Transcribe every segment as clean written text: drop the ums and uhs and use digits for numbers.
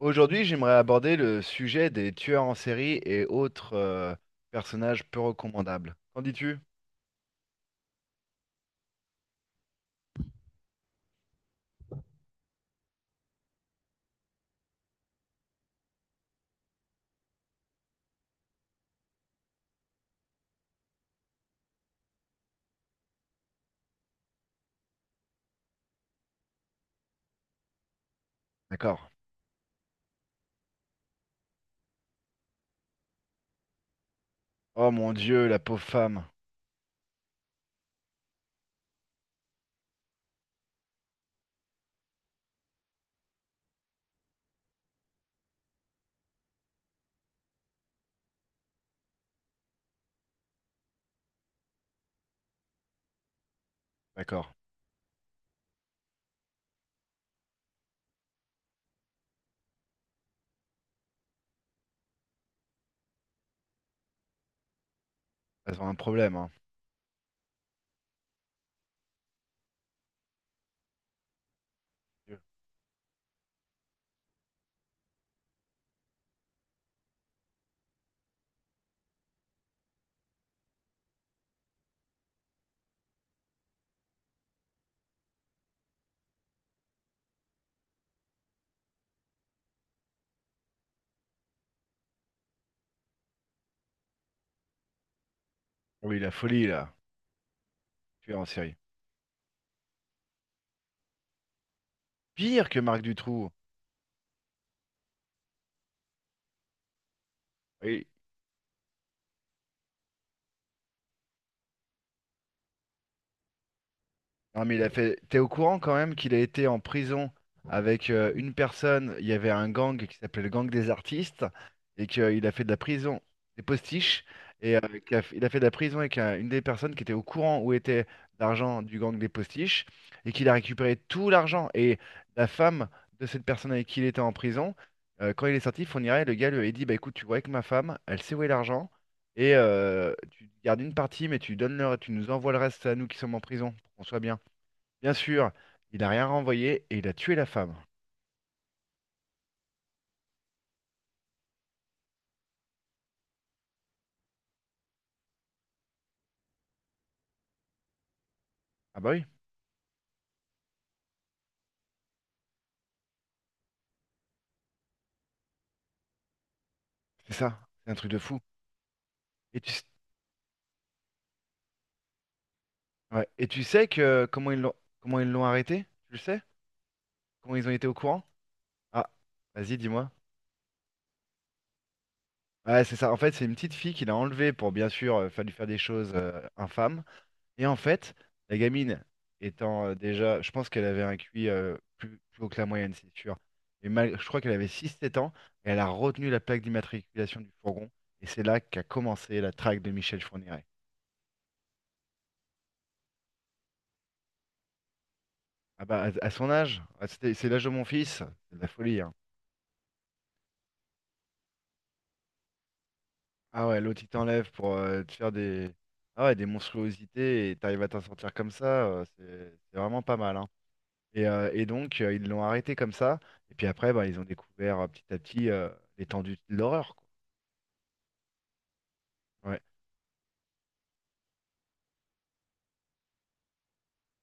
Aujourd'hui, j'aimerais aborder le sujet des tueurs en série et autres personnages peu recommandables. Qu'en dis-tu? D'accord. Oh mon Dieu, la pauvre femme. D'accord. Elles ont un problème, hein. Oui, la folie, là. Tueur en série. Pire que Marc Dutroux. Oui, non, mais il a fait. T'es au courant quand même qu'il a été en prison avec une personne. Il y avait un gang qui s'appelait le gang des artistes et qu'il a fait de la prison des postiches et il a fait de la prison avec une des personnes qui était au courant où était l'argent du gang des postiches et qu'il a récupéré tout l'argent et la femme de cette personne avec qui il était en prison. Quand il est sorti, Fourniret, le gars lui a dit, bah écoute, tu vois avec ma femme, elle sait où est l'argent et tu gardes une partie, mais tu donnes leur, tu nous envoies le reste à nous qui sommes en prison pour qu'on soit bien. Bien sûr, il a rien renvoyé et il a tué la femme. Ah bah oui, c'est ça, c'est un truc de fou. Et ouais, et tu sais que comment ils l'ont arrêté? Tu le sais? Comment ils ont été au courant? Ah, vas-y, dis-moi. Ouais, c'est ça. En fait, c'est une petite fille qu'il a enlevée pour bien sûr faire lui faire des choses infâmes. Et en fait, la gamine étant déjà, je pense qu'elle avait un QI plus haut que la moyenne, c'est sûr. Et mal, je crois qu'elle avait six sept ans et elle a retenu la plaque d'immatriculation du fourgon. Et c'est là qu'a commencé la traque de Michel Fourniret. Ah bah, à son âge, ah, c'est l'âge de mon fils, c'est de la folie, hein. Ah ouais, l'autre il t'enlève pour te faire des, ah ouais, des monstruosités et t'arrives à t'en sortir comme ça, c'est vraiment pas mal, hein. Et donc ils l'ont arrêté comme ça, et puis après bah, ils ont découvert petit à petit l'étendue de l'horreur, quoi. Ouais.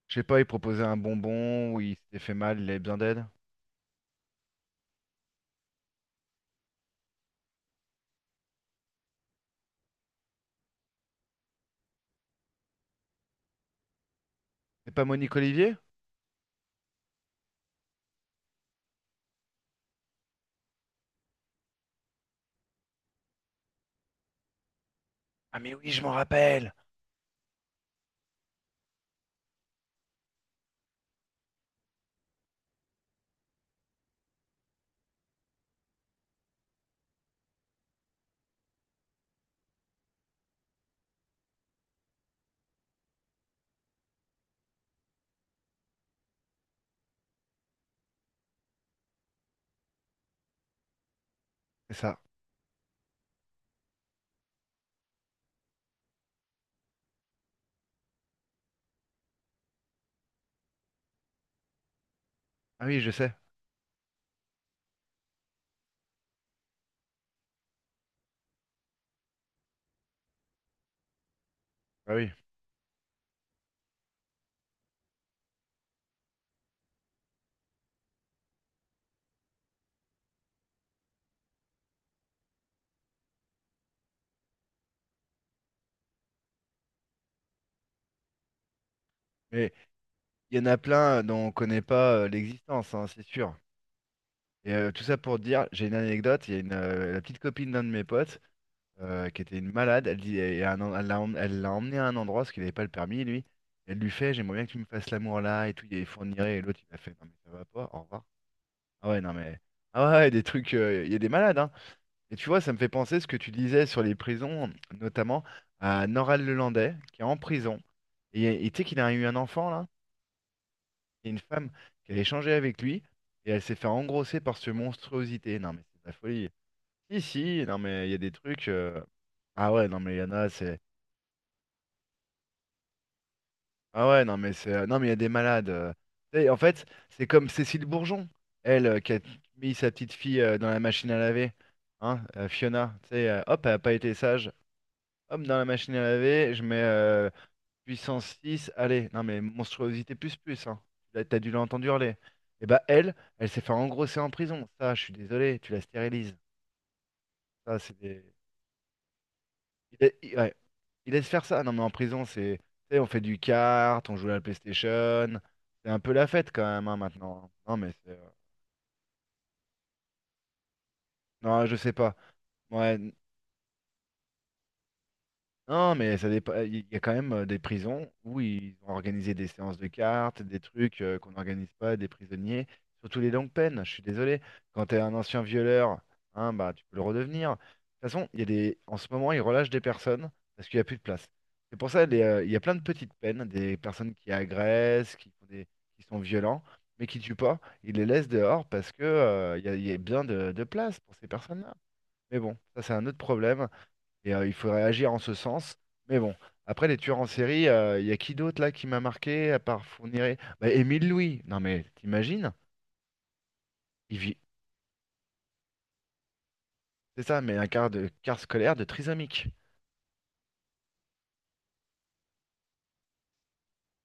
Je sais pas, il proposait un bonbon ou il s'était fait mal, il avait besoin d'aide. C'est pas Monique Olivier? Ah mais oui, je m'en rappelle. C'est ça. Ah oui, je sais. Ah oui. Mais il y en a plein dont on connaît pas l'existence, hein, c'est sûr. Et tout ça pour dire, j'ai une anecdote, il y a la petite copine d'un de mes potes qui était une malade, elle dit, et un en- elle l'a emmené à un endroit parce qu'il n'avait pas le permis, lui. Elle lui fait, j'aimerais bien que tu me fasses l'amour là et tout, il fournirait, et l'autre il a fait, non mais ça va pas, au revoir. Ah ouais, non mais, ah ouais, ouais, des trucs, il y a des malades, hein. Et tu vois, ça me fait penser ce que tu disais sur les prisons, notamment à Noral Le Landais qui est en prison. Et tu sais qu'il a eu un enfant là, et une femme qui a échangé avec lui, et elle s'est fait engrosser par ce monstruosité. Non mais c'est de la folie. Si, si, non mais il y a des trucs. Ah ouais, non mais il y en a, c'est. Ah ouais, non mais c'est. Non mais il y a des malades. Tu sais, en fait, c'est comme Cécile Bourgeon, elle, qui a mis sa petite fille dans la machine à laver. Hein, Fiona, tu sais, hop, elle a pas été sage. Hop, dans la machine à laver, je mets puissance 6. Allez, non mais monstruosité plus plus, hein. Là, t'as dû l'entendre hurler. Et bah elle, elle s'est fait engrosser en prison. Ça, je suis désolé, tu la stérilises. Ça, c'est des. Ils laissent faire ça. Non, mais en prison, c'est, tu sais, on fait du kart, on joue à la PlayStation. C'est un peu la fête quand même, hein, maintenant. Non, mais c'est. Non, je sais pas. Ouais, non, mais ça dépend. Il y a quand même des prisons où ils ont organisé des séances de cartes, des trucs qu'on n'organise pas, des prisonniers, surtout les longues peines. Je suis désolé. Quand t'es un ancien violeur, hein, bah tu peux le redevenir. De toute façon, il y a des. En ce moment, ils relâchent des personnes parce qu'il n'y a plus de place. C'est pour ça il y a plein de petites peines, des personnes qui agressent, qui font des, qui sont violents, mais qui tuent pas. Ils les laissent dehors parce que il y a bien de place pour ces personnes-là. Mais bon, ça c'est un autre problème. Et il faudrait agir en ce sens. Mais bon, après les tueurs en série, il y a qui d'autre là qui m'a marqué à part Fourniret? Bah, Émile Louis. Non mais t'imagines? Il vit, c'est ça, mais un quart de quart scolaire de trisomique.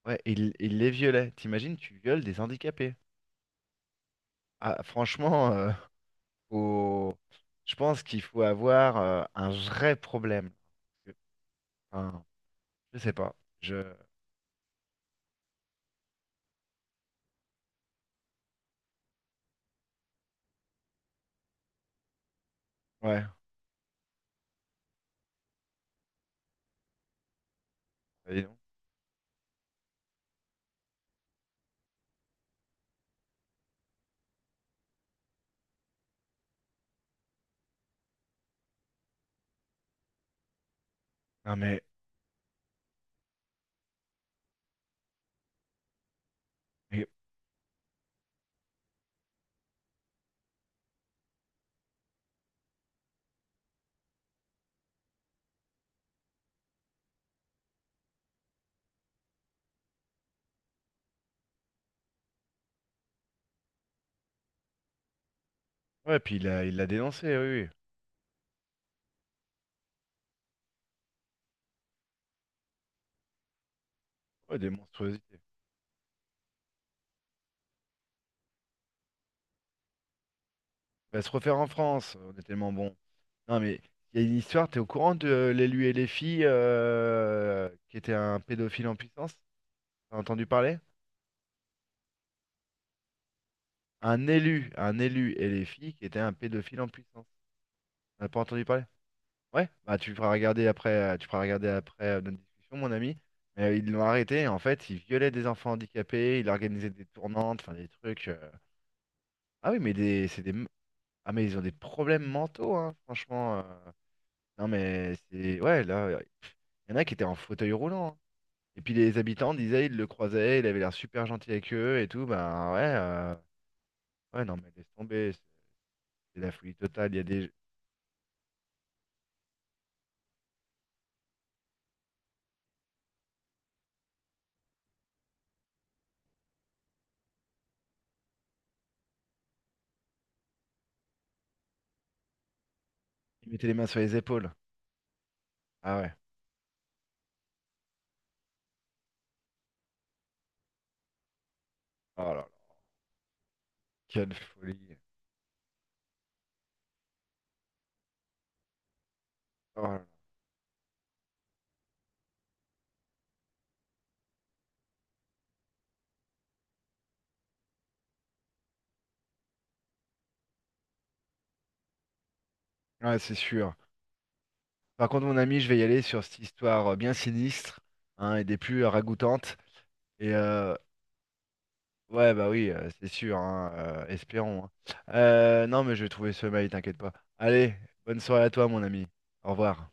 Ouais, il les violait. T'imagines, tu violes des handicapés. Ah, franchement, faut- je pense qu'il faut avoir un vrai problème. Enfin, je sais pas. Je, ouais. Bah, dis donc. Non mais, mais- ouais, puis il l'a dénoncé, oui, oui. Ouais, des monstruosités. Va se refaire en France, on est tellement bon. Non, mais il y a une histoire, t'es au courant de l'élu et les filles qui était un pédophile en puissance? T'as entendu parler? Un élu et les filles qui était un pédophile en puissance. T'as pas entendu parler? Ouais, bah tu feras regarder après notre discussion, mon ami. Mais ils l'ont arrêté, en fait, il violait des enfants handicapés, il organisait des tournantes, enfin des trucs. Ah oui, mais des, c'est des, m- ah mais ils ont des problèmes mentaux, hein, franchement. Non, mais c'est. Ouais, là, il y en a qui étaient en fauteuil roulant, hein. Et puis les habitants disaient, ils le croisaient, il avait l'air super gentil avec eux et tout. Ben ouais, ouais, non, mais laisse tomber, c'est la folie totale. Il y a des. Ils mettaient les mains sur les épaules. Ah ouais. Oh là là, quelle folie. Oh là là. Ouais, c'est sûr. Par contre, mon ami, je vais y aller sur cette histoire bien sinistre hein, et des plus ragoûtantes. Et ouais, bah oui, c'est sûr, hein, espérons, hein. Non, mais je vais trouver ce mail, t'inquiète pas. Allez, bonne soirée à toi, mon ami. Au revoir.